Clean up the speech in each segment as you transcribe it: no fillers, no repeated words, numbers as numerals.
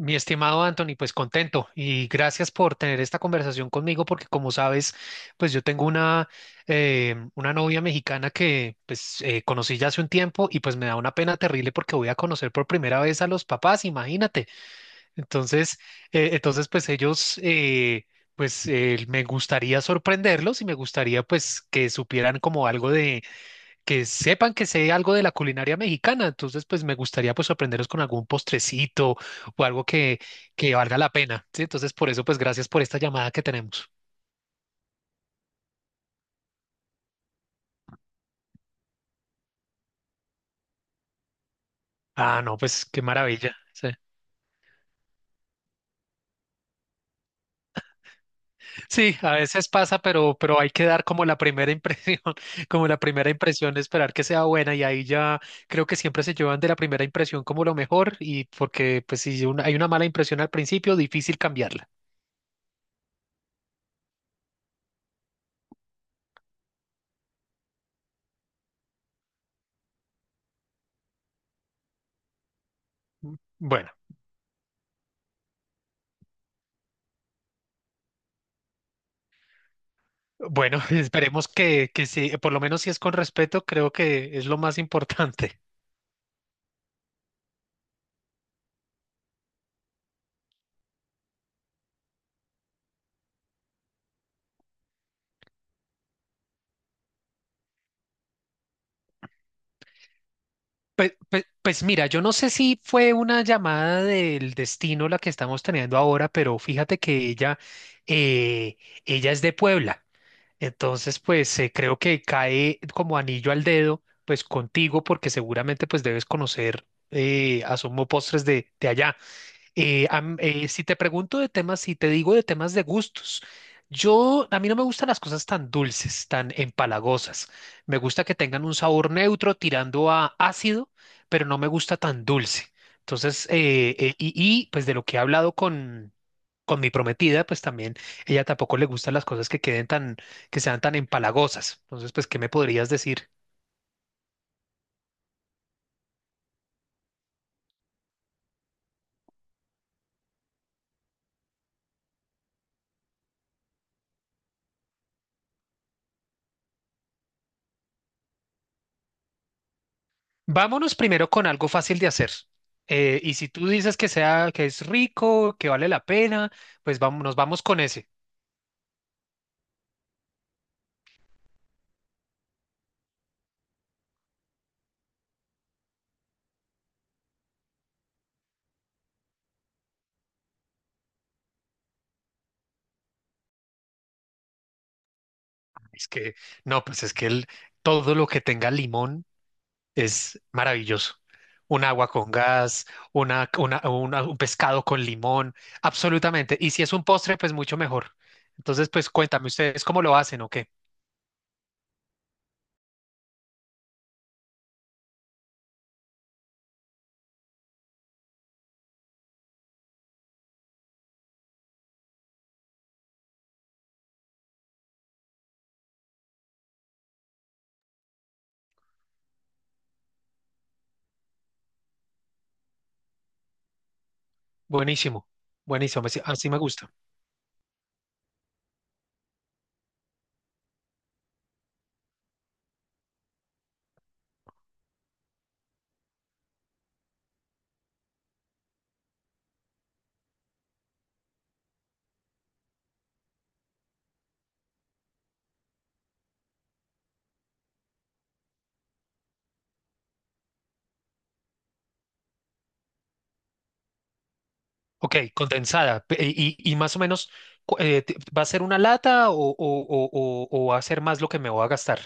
Mi estimado Anthony, pues contento y gracias por tener esta conversación conmigo porque como sabes, pues yo tengo una novia mexicana que pues conocí ya hace un tiempo y pues me da una pena terrible porque voy a conocer por primera vez a los papás, imagínate. Entonces, entonces pues ellos, pues me gustaría sorprenderlos y me gustaría pues que supieran como algo de que sepan que sé algo de la culinaria mexicana, entonces pues me gustaría pues sorprenderos con algún postrecito o algo que valga la pena, ¿sí? Entonces por eso pues gracias por esta llamada que tenemos. Ah, no, pues qué maravilla. Sí, sí, a veces pasa, pero hay que dar como la primera impresión, como la primera impresión, esperar que sea buena y ahí ya creo que siempre se llevan de la primera impresión como lo mejor y porque pues si una- hay una mala impresión al principio, difícil cambiarla. Bueno. Bueno, esperemos que sí, por lo menos si es con respeto, creo que es lo más importante. Pues, pues, pues mira, yo no sé si fue una llamada del destino la que estamos teniendo ahora, pero fíjate que ella, eh, ella es de Puebla. Entonces, pues creo que cae como anillo al dedo, pues contigo, porque seguramente pues debes conocer Asomo Postres de allá. Si te pregunto de temas, si te digo de temas de gustos, yo, a mí no me gustan las cosas tan dulces, tan empalagosas. Me gusta que tengan un sabor neutro tirando a ácido, pero no me gusta tan dulce. Entonces, y, pues de lo que he hablado con mi prometida, pues también ella tampoco le gustan las cosas que queden tan, que sean tan empalagosas. Entonces, pues, ¿qué me podrías decir? Vámonos primero con algo fácil de hacer. Y si tú dices que sea, que es rico, que vale la pena, pues vamos, nos vamos con ese. Es que, no, pues es que todo lo que tenga limón es maravilloso. Un agua con gas, una, un pescado con limón, absolutamente. Y si es un postre, pues mucho mejor. Entonces, pues cuéntame ustedes cómo lo hacen o qué. Buenísimo, buenísimo, así así me gusta. Ok, condensada. Y más o menos, ¿va a ser una lata o, o va a ser más lo que me voy a gastar?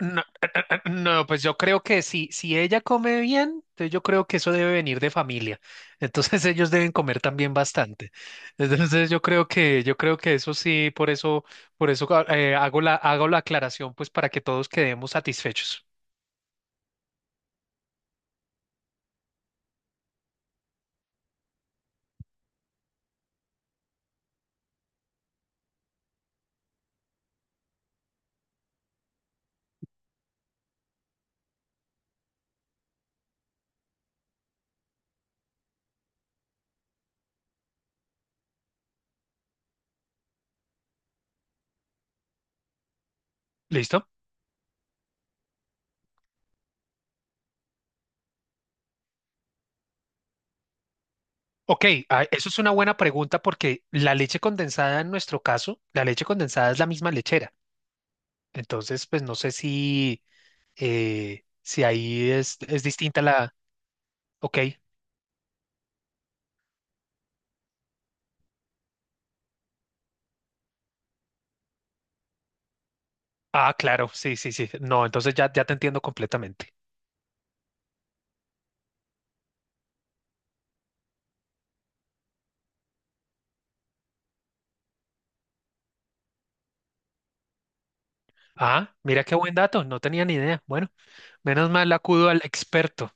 No, no, pues yo creo que si, si ella come bien, entonces yo creo que eso debe venir de familia. Entonces ellos deben comer también bastante. Entonces yo creo que eso sí, por eso hago la aclaración, pues para que todos quedemos satisfechos. ¿Listo? Ok, ah, eso es una buena pregunta porque la leche condensada en nuestro caso, la leche condensada es la misma lechera. Entonces, pues no sé si, si ahí es distinta la... Ok. Ah, claro, sí, sí, sí. No, entonces ya, ya te entiendo completamente. Ah, mira qué buen dato, no tenía ni idea. Bueno, menos mal acudo al experto.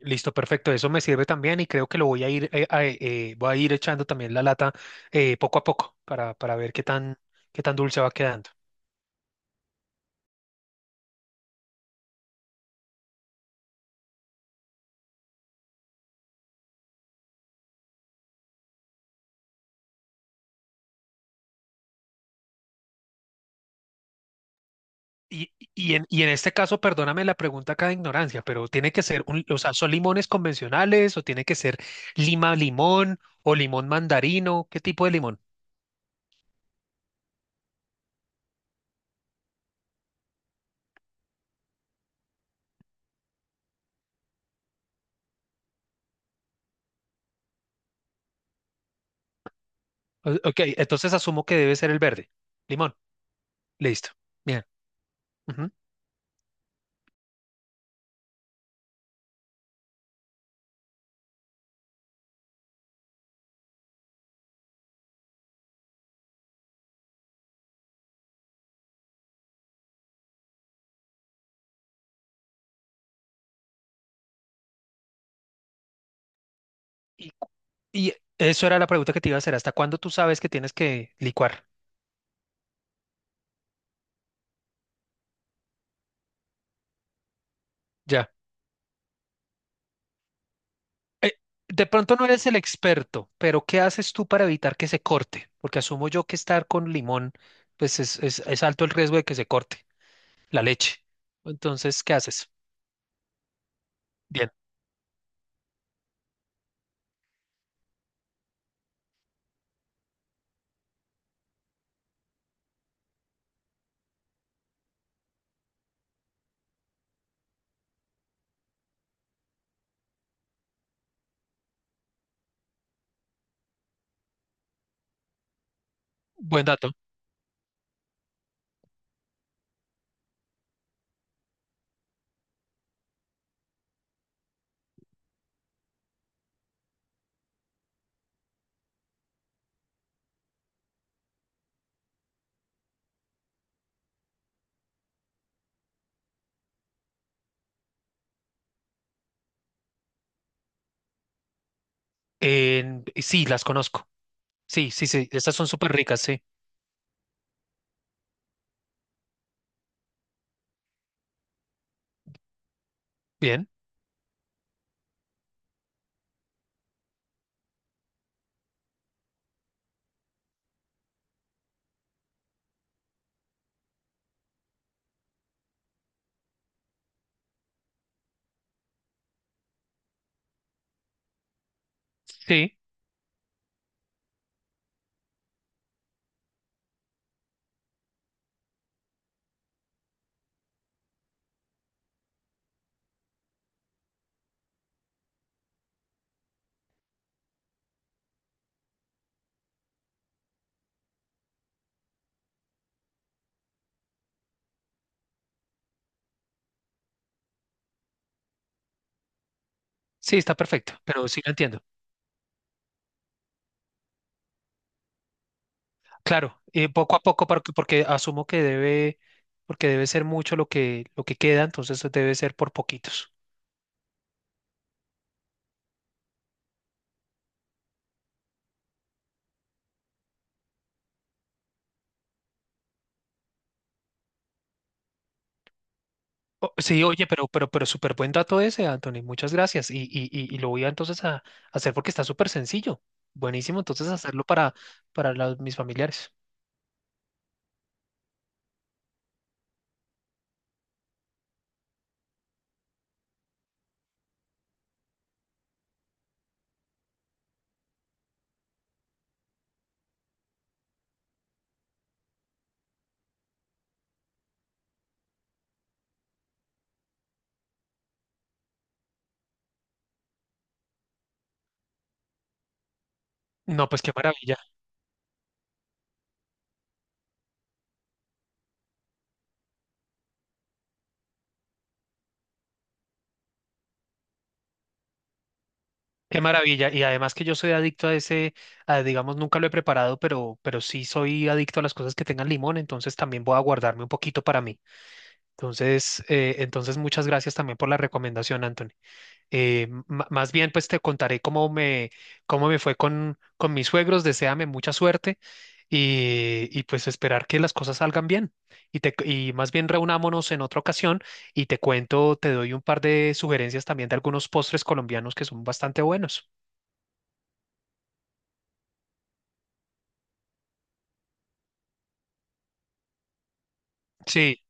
Listo, perfecto, eso me sirve también y creo que lo voy a ir, voy a ir echando también la lata poco a poco para ver qué tan dulce va quedando. Y en este caso, perdóname la pregunta acá de ignorancia, pero tiene que ser un, o sea, ¿son limones convencionales o tiene que ser lima limón o limón mandarino? ¿Qué tipo de limón? Ok, entonces asumo que debe ser el verde. Limón, listo. Bien. Ujú. Y, cu- y eso era la pregunta que te iba a hacer. ¿Hasta cuándo tú sabes que tienes que licuar? Ya. Eh, de pronto no eres el experto, pero ¿qué haces tú para evitar que se corte? Porque asumo yo que estar con limón, pues es alto el riesgo de que se corte. La leche. Entonces, ¿qué haces? Bien, buen dato. Sí, las conozco. Sí, sí, sí, estas son súper ricas, sí. Bien, sí, sí, está perfecto, pero sí lo entiendo. Claro, poco a poco, porque, porque asumo que debe, porque debe ser mucho lo que queda, entonces debe ser por poquitos. Sí, oye, pero súper buen dato ese, Anthony, muchas gracias. Y lo voy a entonces a, hacer porque está súper sencillo. Buenísimo, entonces hacerlo para, mis familiares. No, pues qué maravilla. Qué maravilla. Y además que yo soy adicto a ese, a, digamos, nunca lo he preparado, pero sí soy adicto a las cosas que tengan limón, entonces también voy a guardarme un poquito para mí. Entonces, entonces muchas gracias también por la recomendación, Anthony. Más bien, pues te contaré cómo me fue con mis suegros. Deséame mucha suerte y pues esperar que las cosas salgan bien. Y más bien reunámonos en otra ocasión y te cuento, te doy un par de sugerencias también de algunos postres colombianos que son bastante buenos. Sí,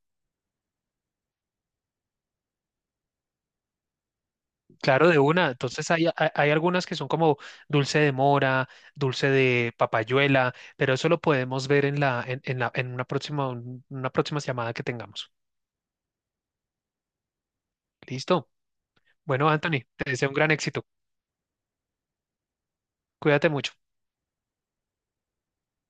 claro, de una. Entonces hay algunas que son como dulce de mora, dulce de papayuela, pero eso lo podemos ver en la, en una próxima, una próxima llamada que tengamos. ¿Listo? Bueno, Anthony, te deseo un gran éxito. Cuídate mucho.